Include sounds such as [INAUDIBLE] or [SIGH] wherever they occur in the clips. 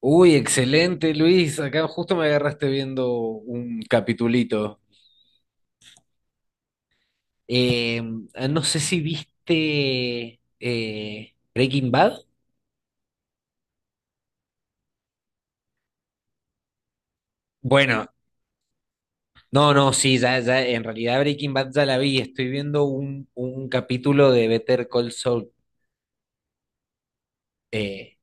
Uy, excelente, Luis. Acá justo me agarraste viendo un capitulito. Eh, no sé si viste Breaking Bad. Bueno, no, no, sí, ya, ya, en realidad Breaking Bad ya la vi. Estoy viendo un capítulo de Better Call Saul. eh,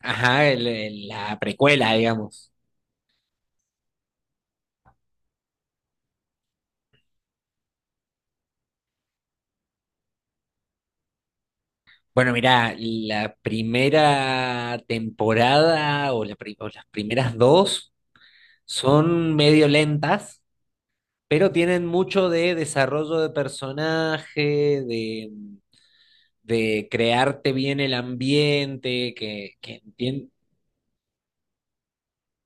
ajá, la precuela, digamos. Bueno, mirá, la primera temporada o las primeras dos son medio lentas. Pero tienen mucho de desarrollo de personaje, de, de crearte bien el ambiente, que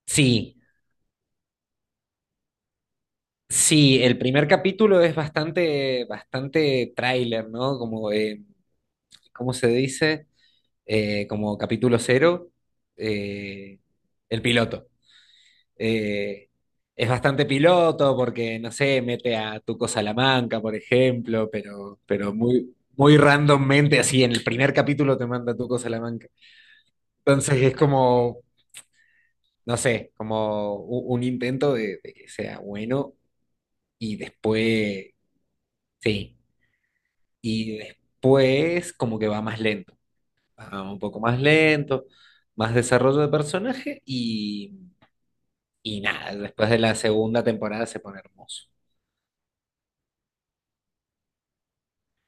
sí, sí, el primer capítulo es bastante tráiler, ¿no? Como, ¿cómo se dice? Como capítulo cero, eh, el piloto. Eh, es bastante piloto porque, no sé, mete a Tuco Salamanca, por ejemplo, pero muy randommente, así en el primer capítulo te manda a Tuco Salamanca. Entonces es como, no sé, como un intento de que sea bueno y después, sí, y después como que va más lento, va un poco más lento, más desarrollo de personaje y nada, después de la segunda temporada se pone hermoso.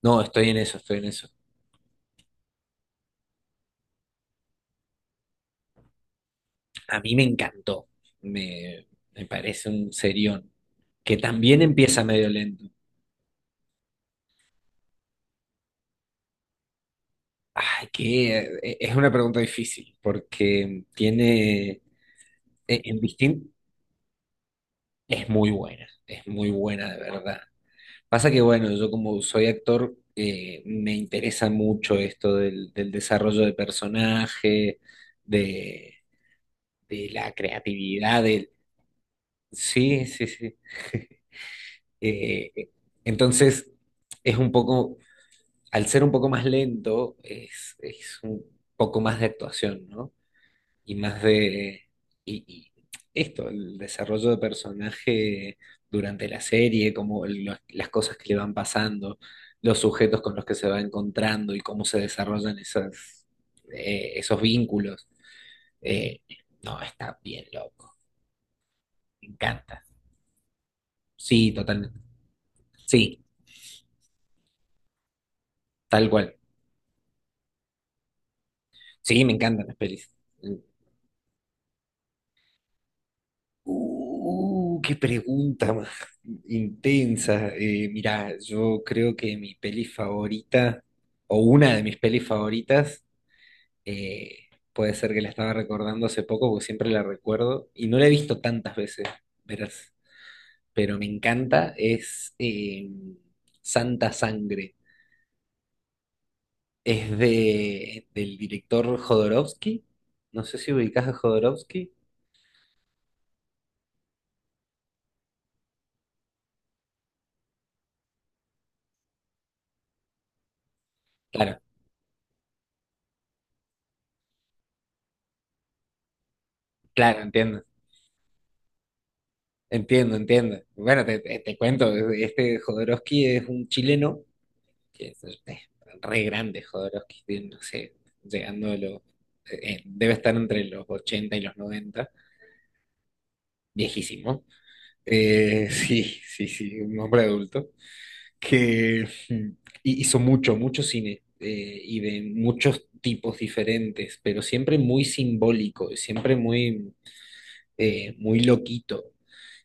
No, estoy en eso, estoy en eso. A mí me encantó, me, me parece un serión, que también empieza medio lento. Ay, que es una pregunta difícil, porque tiene, en distinto, es muy buena de verdad. Pasa que, bueno, yo como soy actor, me interesa mucho esto del desarrollo de personaje, de, de la creatividad, del... Sí, sí, sí. [LAUGHS] Eh, entonces, es un poco al ser un poco más lento, es un poco más de actuación, ¿no? Y más de... Y esto, el desarrollo de personaje durante la serie, como las cosas que le van pasando, los sujetos con los que se va encontrando y cómo se desarrollan esas, esos vínculos. Eh, no, está bien loco. Me encanta. Sí, totalmente. Sí, tal cual. Sí, me encantan las pelis. Qué pregunta más intensa. Mirá, yo creo que mi peli favorita, o una de mis pelis favoritas, eh, puede ser que la estaba recordando hace poco, porque siempre la recuerdo, y no la he visto tantas veces, verás, pero me encanta, es Santa Sangre. Es de, del director Jodorowsky. No sé si ubicás a Jodorowsky. Claro, claro, entiendo. Entiendo, entiendo. Bueno, te cuento, este Jodorowsky es un chileno, es re grande Jodorowsky, tiene, no sé, llegando a los, debe estar entre los 80 y los 90, viejísimo. [LAUGHS] Sí, sí, sí, un hombre adulto, que hizo mucho, mucho cine, y de muchos tipos diferentes, pero siempre muy simbólico, siempre muy, muy loquito.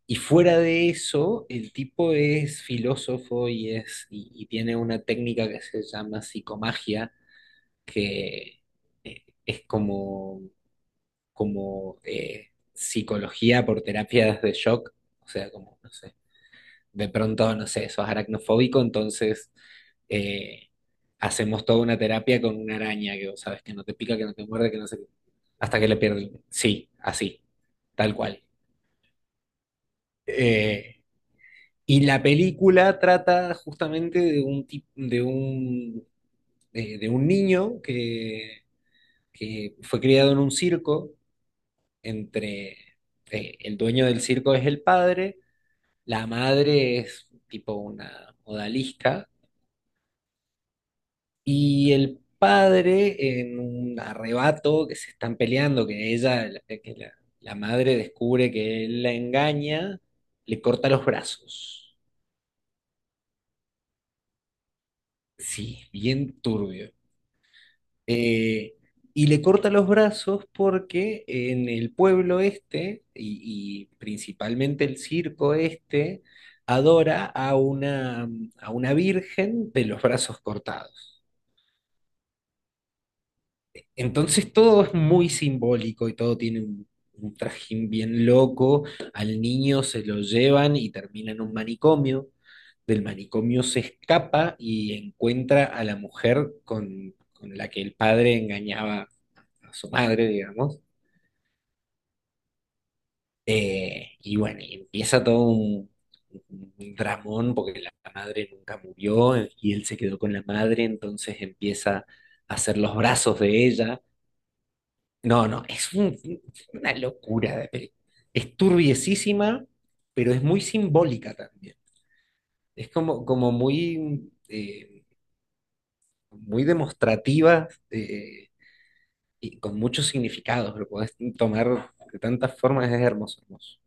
Y fuera de eso, el tipo es filósofo y tiene una técnica que se llama psicomagia, que es como, como psicología por terapias de shock. O sea, como, no sé, de pronto, no sé, sos aracnofóbico, entonces eh, hacemos toda una terapia con una araña que vos sabes que no te pica, que no te muerde, que no sé qué, hasta que le pierden. Sí, así, tal cual. Eh, Y la película trata justamente de un, tip- de un niño que fue criado en un circo, entre el dueño del circo es el padre, la madre es tipo una odalisca, y el padre en un arrebato que se están peleando, que ella, la- que la madre descubre que él la engaña, le corta los brazos. Sí, bien turbio. Eh, y le corta los brazos porque en el pueblo este, y principalmente el circo este, adora a una virgen de los brazos cortados. Entonces todo es muy simbólico y todo tiene un trajín bien loco. Al niño se lo llevan y termina en un manicomio. Del manicomio se escapa y encuentra a la mujer con la que el padre engañaba a su madre, digamos. Y bueno, y empieza todo un dramón porque la madre nunca murió, y él se quedó con la madre, entonces empieza a hacer los brazos de ella. No, no, es un- Una locura de película. Es turbiesísima, pero es muy simbólica también. Es como, como muy, muy demostrativa, y con muchos significados. Lo podés tomar de tantas formas, es hermoso, hermoso.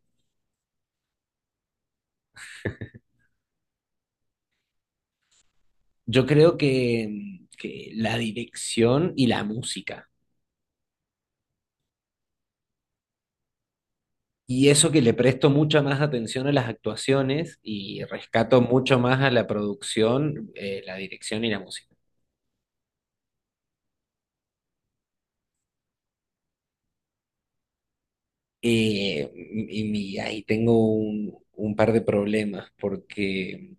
Yo creo que la dirección y la música. Y eso que le presto mucha más atención a las actuaciones y rescato mucho más a la producción, la dirección y la música. Ahí tengo un par de problemas porque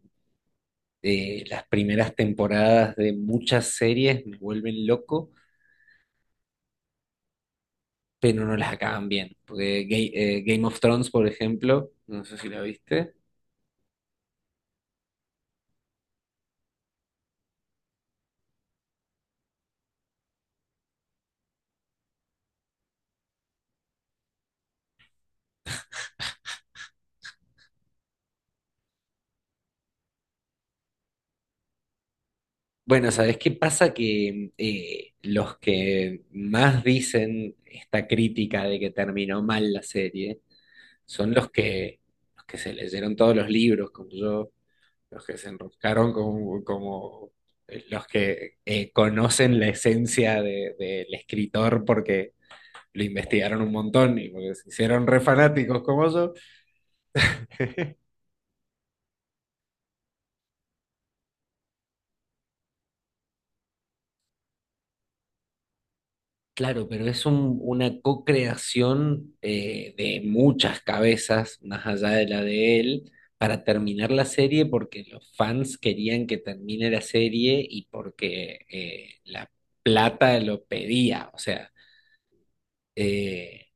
las primeras temporadas de muchas series me vuelven loco, pero no las acaban bien. Porque Game of Thrones, por ejemplo, no sé si la viste. Bueno, ¿sabes qué pasa? Que los que más dicen esta crítica de que terminó mal la serie son los los que se leyeron todos los libros, como yo, los que se enroscaron como, como los que conocen la esencia del escritor porque lo investigaron un montón y porque se hicieron re fanáticos como yo. Una co-creación, de muchas cabezas, más allá de la de él, para terminar la serie porque los fans querían que termine la serie y porque la plata lo pedía. O sea, eh,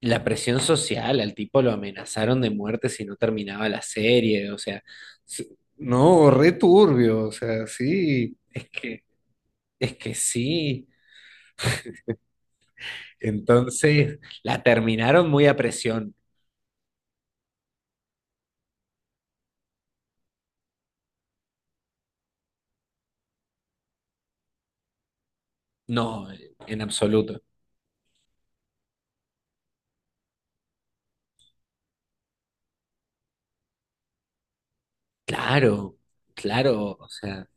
la presión social, al tipo lo amenazaron de muerte si no terminaba la serie. O sea, s- no, re turbio. O sea, es que sí. Entonces, la terminaron muy a presión. No, en absoluto. Claro, claro, o sea,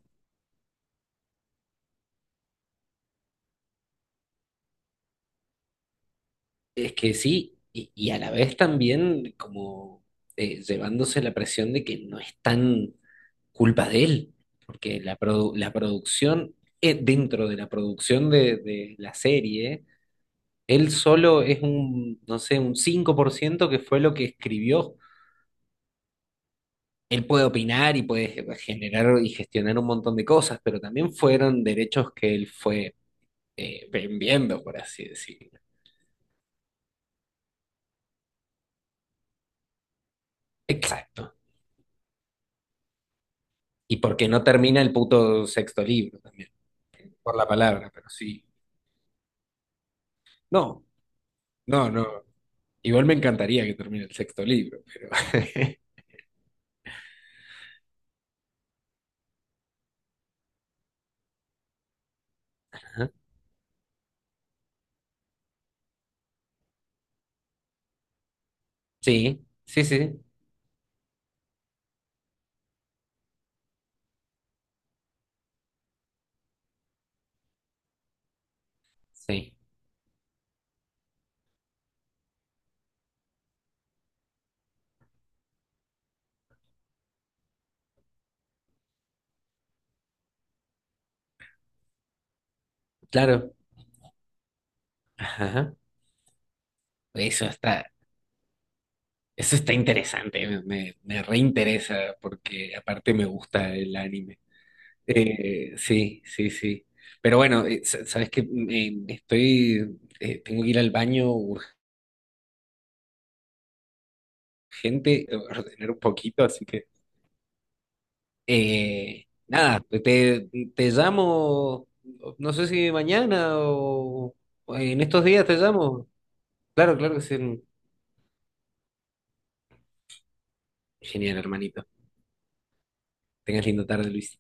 es que sí, y a la vez también como llevándose la presión de que no es tan culpa de él, porque la producción, dentro de la producción de la serie, él solo es un, no sé, un 5% que fue lo que escribió. Él puede opinar y puede generar y gestionar un montón de cosas, pero también fueron derechos que él fue vendiendo, por así decirlo. Exacto. Y porque no termina el puto sexto libro también, por la palabra, pero sí. No, no, no. Igual me encantaría que termine el sexto libro, pero... [LAUGHS] Ajá. Sí, sí, sí, sí, claro. Ajá. Eso está, eso está interesante, me reinteresa porque aparte me gusta el anime. Sí, sí, sí. Pero bueno, sabes que tengo que ir al baño urgente, ordenar un poquito, así que nada, te llamo, no sé si mañana o en estos días te llamo. Claro, claro que sí. Genial, hermanito. Tengas lindo tarde, Luis.